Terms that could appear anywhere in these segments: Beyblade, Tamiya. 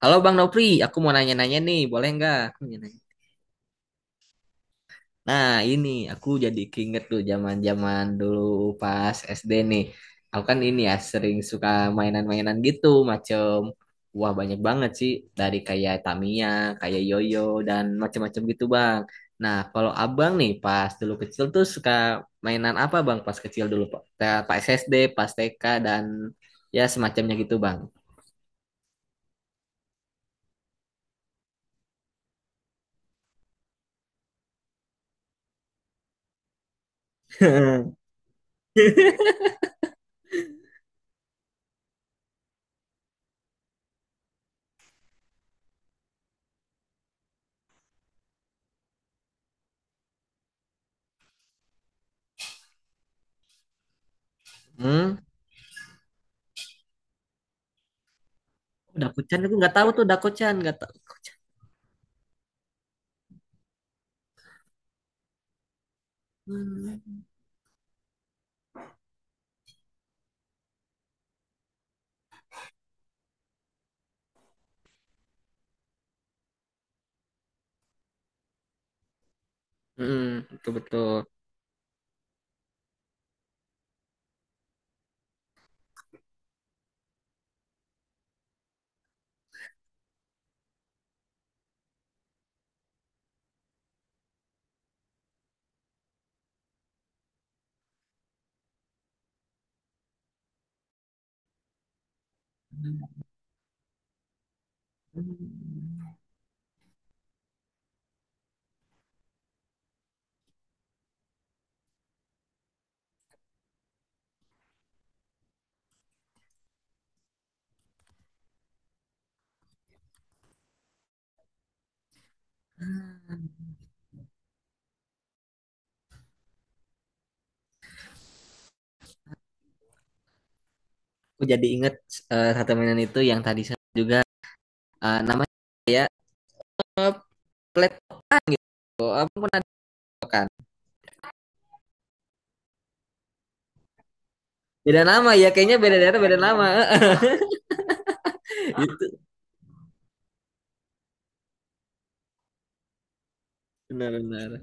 Halo Bang Nopri, aku mau nanya-nanya nih, boleh nggak? Aku mau nanya. Nah, ini aku jadi keinget tuh zaman-zaman dulu pas SD nih. Aku kan ini ya sering suka mainan-mainan gitu macem. Wah, banyak banget sih, dari kayak Tamiya, kayak Yoyo dan macam-macam gitu Bang. Nah, kalau Abang nih pas dulu kecil tuh suka mainan apa Bang pas kecil dulu Pak? Pas SD, pas TK dan ya semacamnya gitu Bang. Hmm, Dakuchan aku nggak tahu tuh, Dakuchan nggak tahu. Hmm. Mm, betul betul. Hmm. Aku jadi inget satu mainan itu yang tadi saya juga, namanya ya platform pun ada kan. Beda nama ya, kayaknya beda daerah beda nama. Itu benar-benar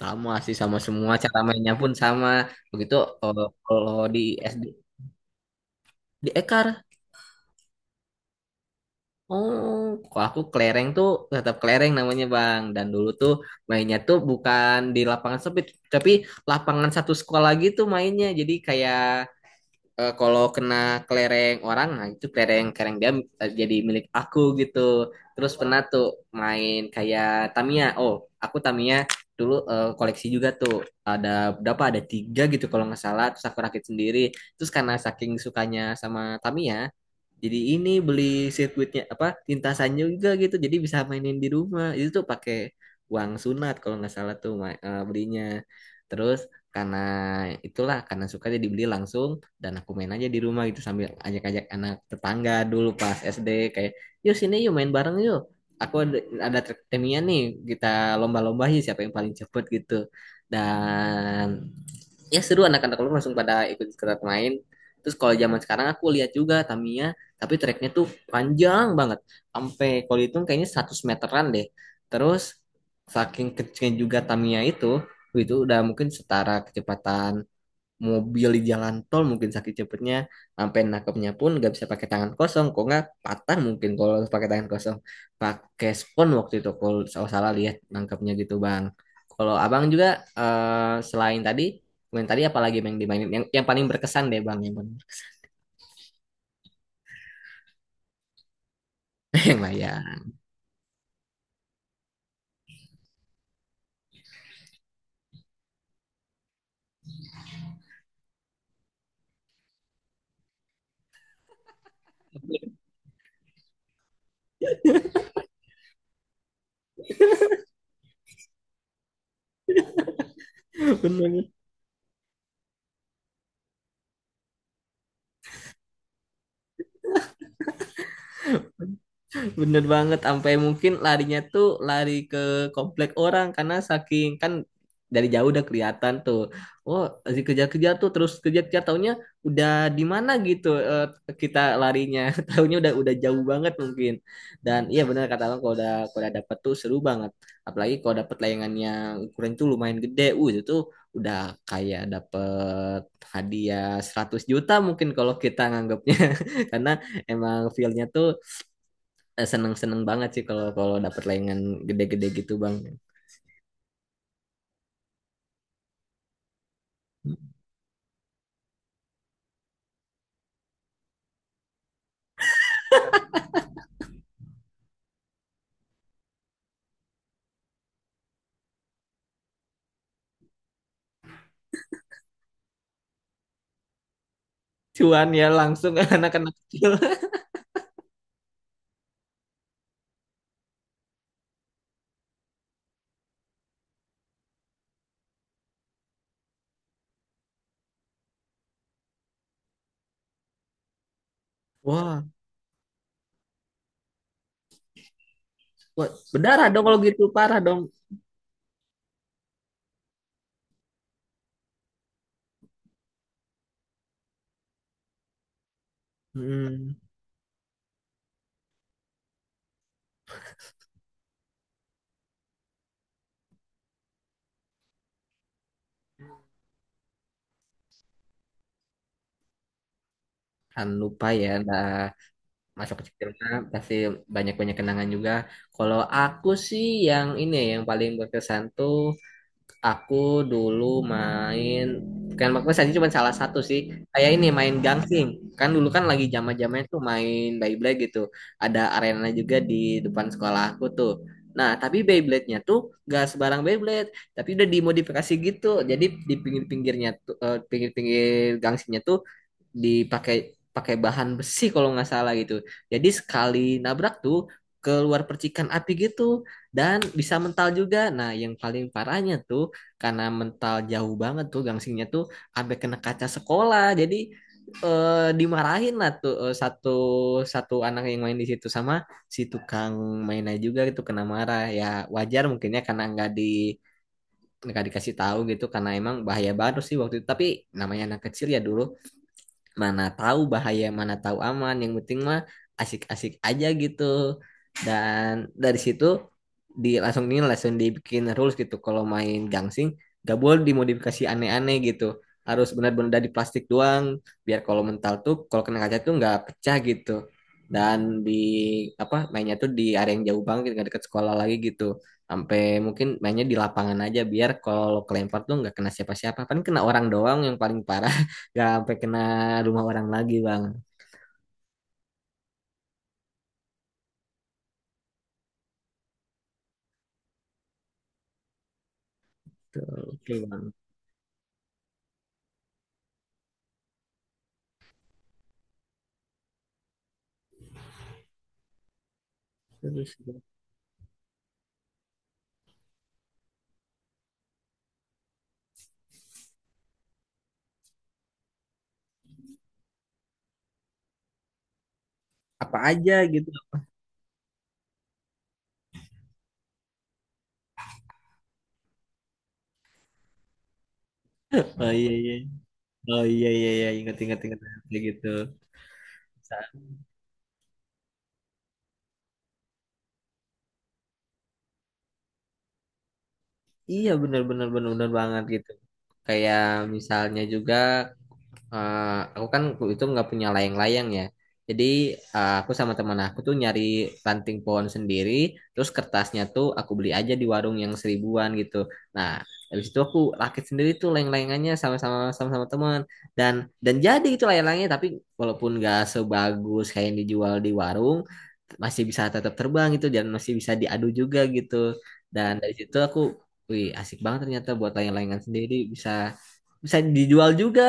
sama sih, sama semua, cara mainnya pun sama. Begitu. Kalau di SD di Ekar. Oh, kalau aku kelereng tuh tetap kelereng namanya Bang. Dan dulu tuh mainnya tuh bukan di lapangan sempit, tapi lapangan satu sekolah gitu mainnya. Jadi kayak, kalau kena kelereng orang, nah itu kelereng kelereng dia, jadi milik aku gitu. Terus pernah tuh main kayak Tamiya. Oh, aku Tamiya dulu koleksi juga tuh. Ada berapa? Ada tiga gitu kalau nggak salah. Terus aku rakit sendiri. Terus karena saking sukanya sama Tamiya, jadi ini beli sirkuitnya apa lintasannya juga gitu. Jadi bisa mainin di rumah. Itu tuh pakai uang sunat kalau nggak salah tuh belinya. Terus karena itulah, karena suka jadi beli langsung, dan aku main aja di rumah gitu sambil ajak-ajak anak tetangga dulu pas SD kayak, yuk sini yuk main bareng yuk, aku ada track timnya nih, kita lomba-lomba sih siapa yang paling cepet gitu. Dan ya seru, anak-anak lu langsung pada ikut ikutan main. Terus kalau zaman sekarang aku lihat juga Tamiya, tapi treknya tuh panjang banget, sampai kalau dihitung kayaknya 100 meteran deh. Terus saking kecilnya juga Tamiya itu udah mungkin setara kecepatan mobil di jalan tol mungkin, sakit cepetnya, sampai nangkepnya pun nggak bisa pakai tangan kosong, kok nggak patah mungkin kalau pakai tangan kosong. Pakai spons waktu itu kalau salah salah lihat nangkepnya gitu bang. Kalau abang juga, selain tadi main tadi apalagi yang dimainin, yang paling berkesan deh bang, yang paling… yang lah ya. Bener. Bener banget, sampai mungkin larinya tuh lari ke komplek orang, karena saking kan dari jauh udah kelihatan tuh. Oh, masih kejar-kejar tuh terus kejar-kejar, taunya udah di mana gitu kita larinya. Taunya udah jauh banget mungkin. Dan iya, bener kata lo, kalau udah dapet tuh seru banget. Apalagi kalau dapet layangan yang ukuran tuh lumayan gede. Itu tuh udah kayak dapet hadiah 100 juta mungkin kalau kita nganggapnya, karena emang feel-nya tuh, seneng-seneng banget sih kalau kalau dapat layangan gede-gede gitu bang. Cuan ya langsung anak-anak kecil. Wah. Wah, berdarah dong kalau gitu, parah dong. Hmm. Kan lupa ya. Nah, masa kecil pasti banyak-banyak kenangan juga. Kalau aku sih yang ini ya, yang paling berkesan tuh, aku dulu main, bukan maksudnya tadi cuma salah satu sih. Kayak ini, main gangsing. Kan dulu kan lagi zaman-zamannya tuh main Beyblade gitu. Ada arena juga di depan sekolah aku tuh. Nah, tapi Beyblade-nya tuh gak sebarang Beyblade, tapi udah dimodifikasi gitu. Jadi di pinggir-pinggirnya tuh, pinggir-pinggir gangsingnya tuh dipakai pakai bahan besi kalau nggak salah gitu. Jadi sekali nabrak tuh keluar percikan api gitu, dan bisa mental juga. Nah, yang paling parahnya tuh, karena mental jauh banget tuh gangsinya tuh sampai kena kaca sekolah. Jadi dimarahin lah tuh, satu satu anak yang main di situ sama si tukang mainnya juga itu kena marah. Ya wajar mungkinnya karena nggak di, nggak dikasih tahu gitu, karena emang bahaya banget sih waktu itu. Tapi namanya anak kecil ya dulu, mana tahu bahaya, mana tahu aman. Yang penting mah asik-asik aja gitu. Dan dari situ di langsung ini langsung dibikin rules gitu. Kalau main gangsing gak boleh dimodifikasi aneh-aneh gitu. Harus benar-benar dari plastik doang. Biar kalau mental tuh, kalau kena kaca tuh nggak pecah gitu. Dan di apa mainnya tuh di area yang jauh banget, nggak deket sekolah lagi gitu. Sampai mungkin mainnya di lapangan aja biar kalau kelempar tuh nggak kena siapa-siapa. Paling kena orang doang yang paling parah. Gak sampai kena rumah orang lagi bang. Tuh, oke bang. Terus apa aja gitu? Oh iya iya. Oh iya iya iya. Ingat ingat ingat, kayak gitu. Sa-. Iya, bener bener bener, bener banget gitu. Kayak misalnya juga, eh, aku kan itu nggak punya layang-layang ya. Jadi aku sama teman aku tuh nyari ranting pohon sendiri, terus kertasnya tuh aku beli aja di warung yang seribuan gitu. Nah, habis itu aku rakit sendiri tuh layang-layangannya sama-sama, sama-sama teman, dan dan jadi itu layang-layangnya. Tapi walaupun nggak sebagus kayak yang dijual di warung, masih bisa tetap terbang gitu, dan masih bisa diadu juga gitu. Dan dari situ aku, wih asik banget ternyata buat layang-layangan sendiri, bisa bisa dijual juga.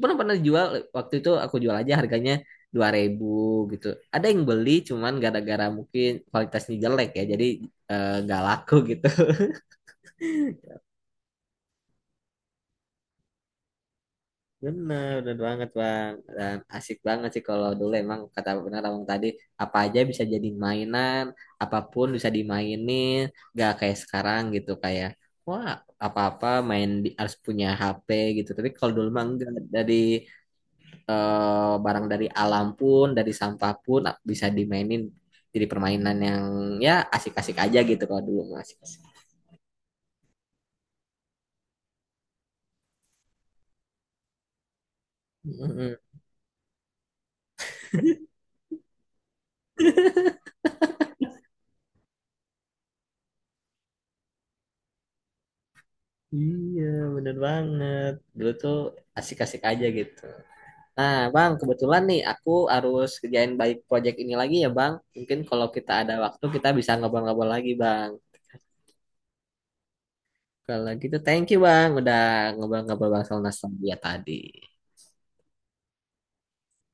Pernah pernah dijual, waktu itu aku jual aja harganya 2.000 gitu. Ada yang beli, cuman gara-gara mungkin kualitasnya jelek ya jadi nggak laku gitu. Bener, bener banget bang, dan asik banget sih kalau dulu, emang kata benar abang tadi, apa aja bisa jadi mainan, apapun bisa dimainin, gak kayak sekarang gitu kayak, wah apa-apa main di, harus punya HP gitu. Tapi kalau dulu mah enggak, dari barang dari alam pun, dari sampah pun ah, bisa dimainin, jadi permainan yang ya asik-asik aja gitu. Kalau dulu mah asik-asik. Mm-mm. Iya, bener banget. Dulu tuh asik-asik aja gitu. Nah, Bang, kebetulan nih aku harus kerjain balik project ini lagi ya, Bang. Mungkin kalau kita ada waktu kita bisa ngobrol-ngobrol lagi, Bang. Kalau gitu, thank you, Bang, udah ngobrol-ngobrol Bang soal nostalgia tadi.